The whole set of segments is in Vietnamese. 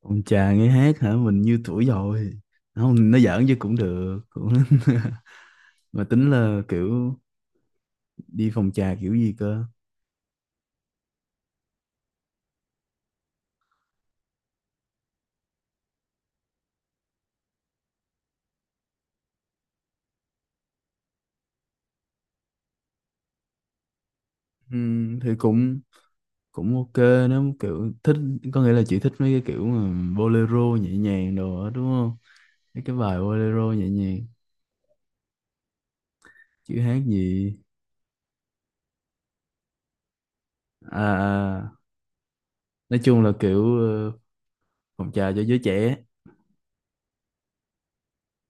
Ông chà, nghe hát hả? Mình như tuổi rồi. Không, nó giỡn chứ, cũng được cũng mà tính là kiểu đi phòng trà kiểu gì cơ? Thì cũng cũng ok. Nó kiểu thích, có nghĩa là chị thích mấy cái kiểu mà bolero nhẹ nhàng đồ đó đúng không? Mấy cái bài bolero nhẹ nhàng chứ hát gì? À, à, nói chung là kiểu phòng trà cho giới trẻ.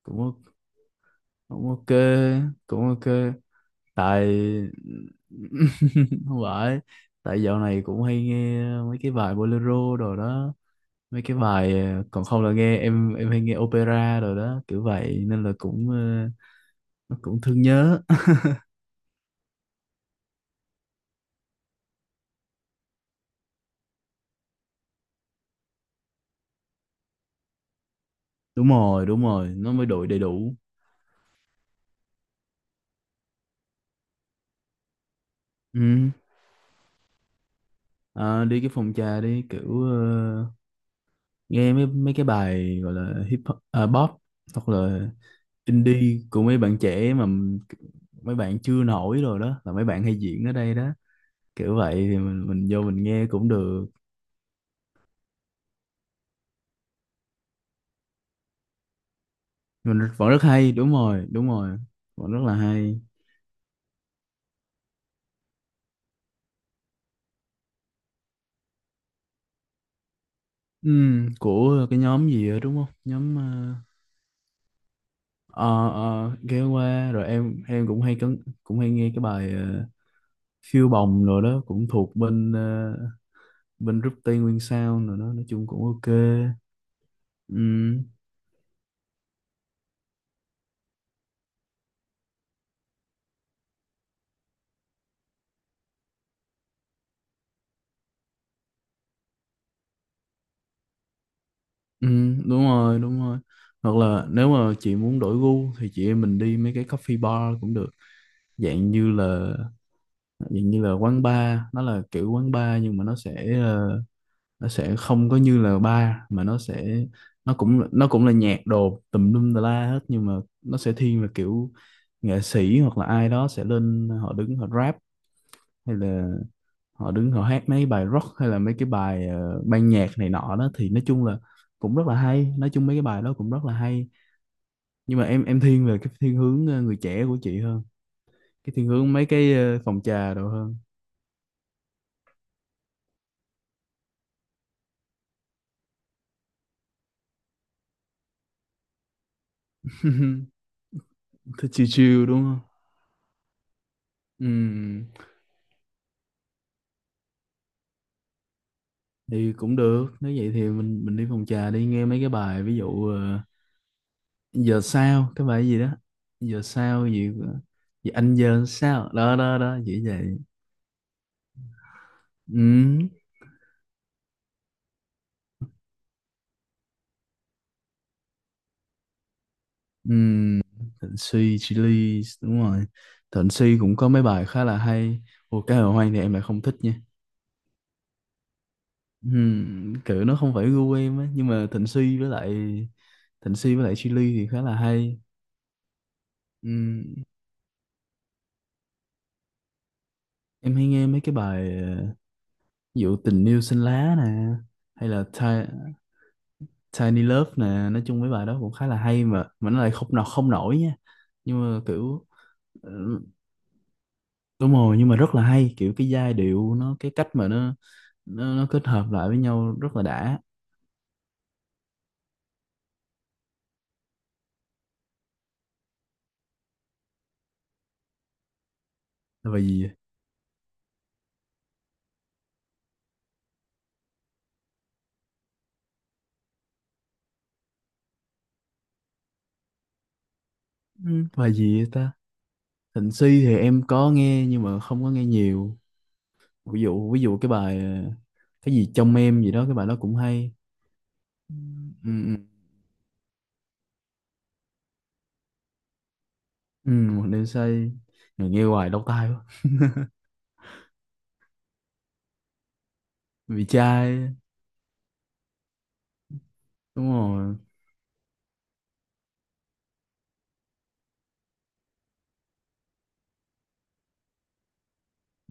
cũng o- Cũng ok, cũng ok. Tại không phải, tại dạo này cũng hay nghe mấy cái bài bolero rồi đó. Mấy cái bài còn không là nghe em hay nghe opera rồi đó, kiểu vậy nên là cũng nó cũng thương nhớ. Đúng rồi, đúng rồi, nó mới đội đầy đủ. Ừ. À, đi cái phòng trà đi kiểu nghe mấy mấy cái bài gọi là hip hop, à, pop hoặc là indie của mấy bạn trẻ mà mấy bạn chưa nổi rồi đó, là mấy bạn hay diễn ở đây đó. Kiểu vậy thì mình vô mình nghe cũng được. Mình vẫn rất hay, đúng rồi đúng rồi, vẫn rất là hay. Ừ, của cái nhóm gì đó, đúng không, nhóm ờ, ờ, ghé qua rồi em cũng hay cấn, cũng hay nghe cái bài phiêu bồng rồi đó, cũng thuộc bên bên group Tây Nguyên Sound rồi đó, nói chung cũng ok. Ừ, ừ, đúng rồi đúng rồi. Hoặc là nếu mà chị muốn đổi gu thì chị em mình đi mấy cái coffee bar cũng được, dạng như là dạng như là quán bar, nó là kiểu quán bar nhưng mà nó sẽ không có như là bar mà nó cũng là nhạc đồ tùm lum tà la hết, nhưng mà nó sẽ thiên về kiểu nghệ sĩ hoặc là ai đó sẽ lên họ đứng họ rap, hay là họ đứng họ hát mấy bài rock, hay là mấy cái bài ban nhạc này nọ đó thì nói chung là cũng rất là hay, nói chung mấy cái bài đó cũng rất là hay. Nhưng mà em thiên về cái thiên hướng người trẻ của chị hơn, cái thiên hướng mấy cái phòng trà đồ hơn. Thứ chill chill đúng không? Ừ, thì cũng được, nếu vậy thì mình đi phòng trà đi nghe mấy cái bài ví dụ giờ sao cái bài gì đó, giờ sao gì, gì anh giờ sao đó đó đó chỉ vậy. Ừ, ừ, Thịnh Suy Chillies đúng rồi. Thịnh Suy cũng có mấy bài khá là hay. Ồ, cá hồi hoang thì em lại không thích nha. Ừ, kiểu nó không phải gu em á, nhưng mà Thịnh Suy với lại Chillies thì khá là hay. Ừ, em hay nghe mấy cái bài ví dụ tình yêu xanh lá nè, hay là Tiny Love nè, nói chung mấy bài đó cũng khá là hay mà nó lại không nọ không nổi nha, nhưng mà kiểu ừ, đúng rồi, nhưng mà rất là hay, kiểu cái giai điệu nó, cái cách mà nó kết hợp lại với nhau rất là đã. Là bài gì vậy? Ừ, bài gì vậy ta? Thịnh Suy thì em có nghe nhưng mà không có nghe nhiều. Ví dụ cái bài cái gì trong em gì đó, cái bài đó cũng hay. Ừ, ừ, ừ. Ừ, một đêm say. Rồi nghe hoài đau tai quá. Vì trai đúng rồi,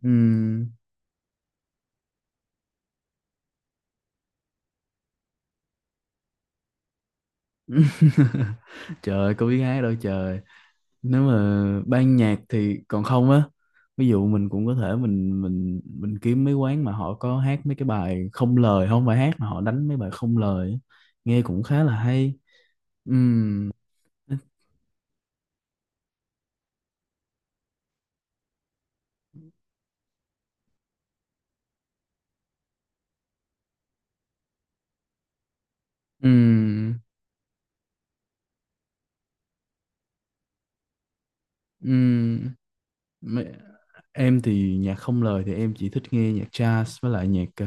ừ. Trời ơi, có biết hát đâu trời, nếu mà ban nhạc thì còn không á. Ví dụ mình cũng có thể mình kiếm mấy quán mà họ có hát mấy cái bài không lời, không phải hát mà họ đánh mấy bài không lời á. Nghe cũng khá là hay. Ừ, ừ, ừ. Mấy- em thì nhạc không lời thì em chỉ thích nghe nhạc jazz với lại nhạc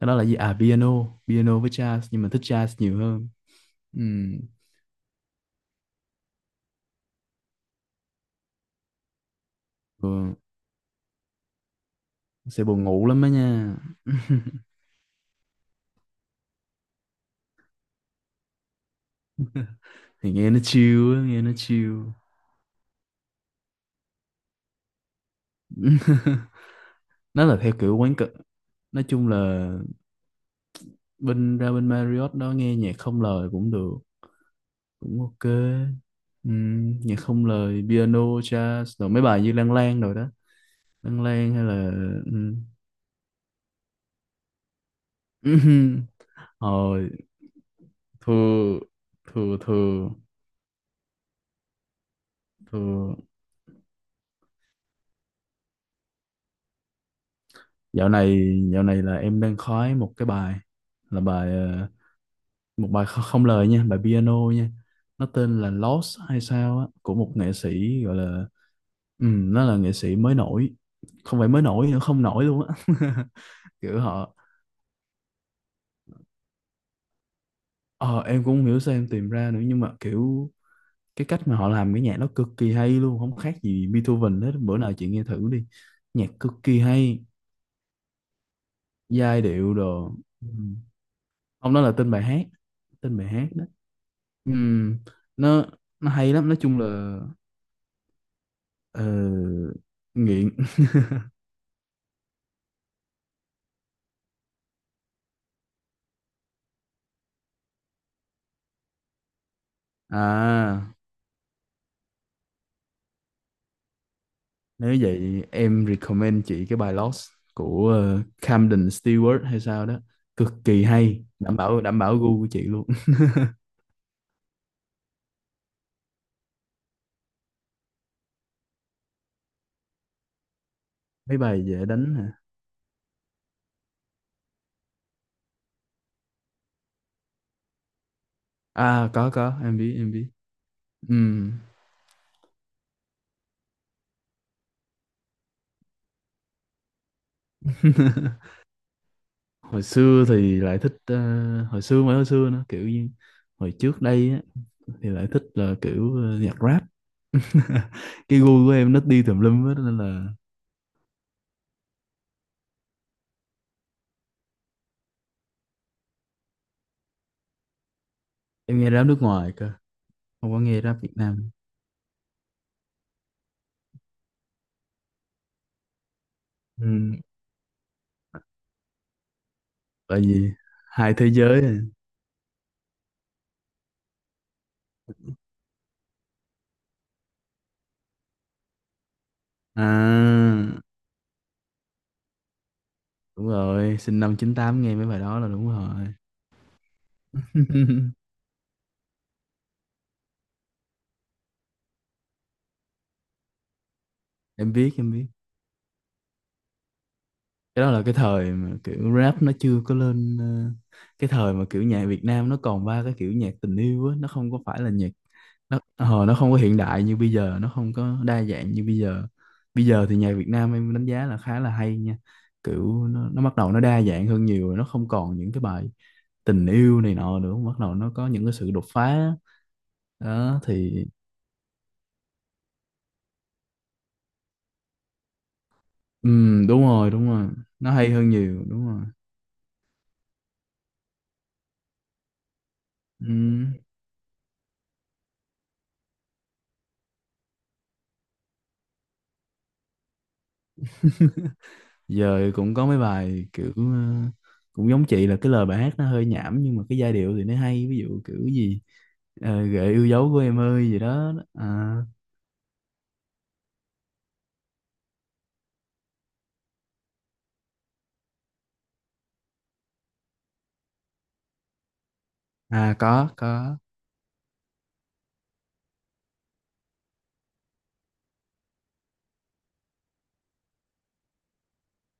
cái đó là gì, à piano piano với jazz nhưng mà thích jazz nhiều hơn. Ừ. Ừ. Sẽ buồn ngủ lắm á nha, thì nghe nó chill á, nghe nó chill. Nó là theo kiểu quán cực, nói chung là bên ra bên Marriott đó nghe nhạc không lời cũng được, cũng ok. Ừ. Nhạc không lời piano jazz rồi mấy bài như Lan Lan rồi đó. Lan Lan hay là ừ. Rồi, thưa thưa thưa thưa dạo này dạo này là em đang khoái một cái bài, là bài một bài không lời nha, bài piano nha. Nó tên là Lost hay sao á, của một nghệ sĩ gọi là ừ, nó là nghệ sĩ mới nổi, không phải mới nổi nữa, không nổi luôn á. Kiểu họ ờ em cũng không hiểu sao em tìm ra nữa, nhưng mà kiểu cái cách mà họ làm cái nhạc nó cực kỳ hay luôn, không khác gì Beethoven hết, bữa nào chị nghe thử đi. Nhạc cực kỳ hay, giai điệu đồ, ừ. Ông đó là tên bài hát, tên bài hát đó. Ừ. nó nó hay lắm, nói chung là ờ, nghiện à, nếu vậy em recommend chị cái bài Lost của Camden Stewart hay sao đó, cực kỳ hay, đảm bảo gu của chị luôn. Mấy bài dễ đánh hả? À có, em biết em biết. Ừm. Hồi xưa thì lại thích hồi xưa mới hồi xưa nữa, kiểu như hồi trước đây á, thì lại thích là kiểu nhạc rap. Cái gu của em nó đi tùm lum hết nên là em nghe rap nước ngoài cơ, không có nghe rap Việt Nam. Bởi vì hai thế giới à. À, đúng rồi, sinh năm 98 nghe mấy bài đó là đúng rồi. Em biết, em biết. Cái đó là cái thời mà kiểu rap nó chưa có lên cái thời mà kiểu nhạc Việt Nam nó còn ba cái kiểu nhạc tình yêu á, nó không có phải là nhạc, nó không có hiện đại như bây giờ, nó không có đa dạng như bây giờ. Bây giờ thì nhạc Việt Nam em đánh giá là khá là hay nha, kiểu nó bắt đầu, nó đa dạng hơn nhiều rồi, nó không còn những cái bài tình yêu này nọ nữa, bắt đầu nó có những cái sự đột phá. Đó thì đúng rồi đúng rồi, nó hay hơn nhiều, đúng rồi. Ừm, giờ cũng có mấy bài kiểu cũng giống chị là cái lời bài hát nó hơi nhảm nhưng mà cái giai điệu thì nó hay, ví dụ kiểu gì gợi yêu dấu của em ơi gì đó, à, à có có.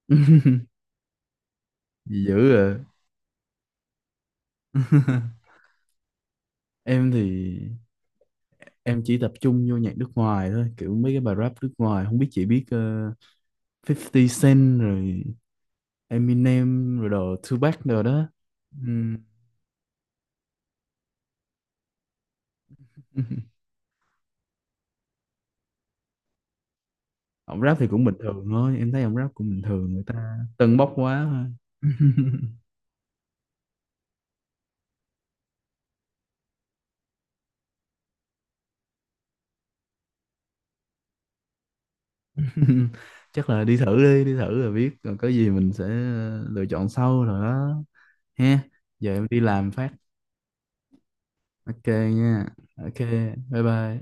Gì dữ vậy? Em thì em chỉ tập trung vô nhạc nước ngoài thôi, kiểu mấy cái bài rap nước ngoài, không biết chị biết 50 Cent rồi, Eminem rồi đồ Tupac rồi đó. Ừm. Ông rap thì cũng bình thường thôi, em thấy ông rap cũng bình thường, người ta tâng bốc quá thôi. Chắc là đi thử đi, đi thử rồi biết, còn có gì mình sẽ lựa chọn sau rồi đó, ha. Giờ em đi làm phát, ok, nha, ok, bye bye.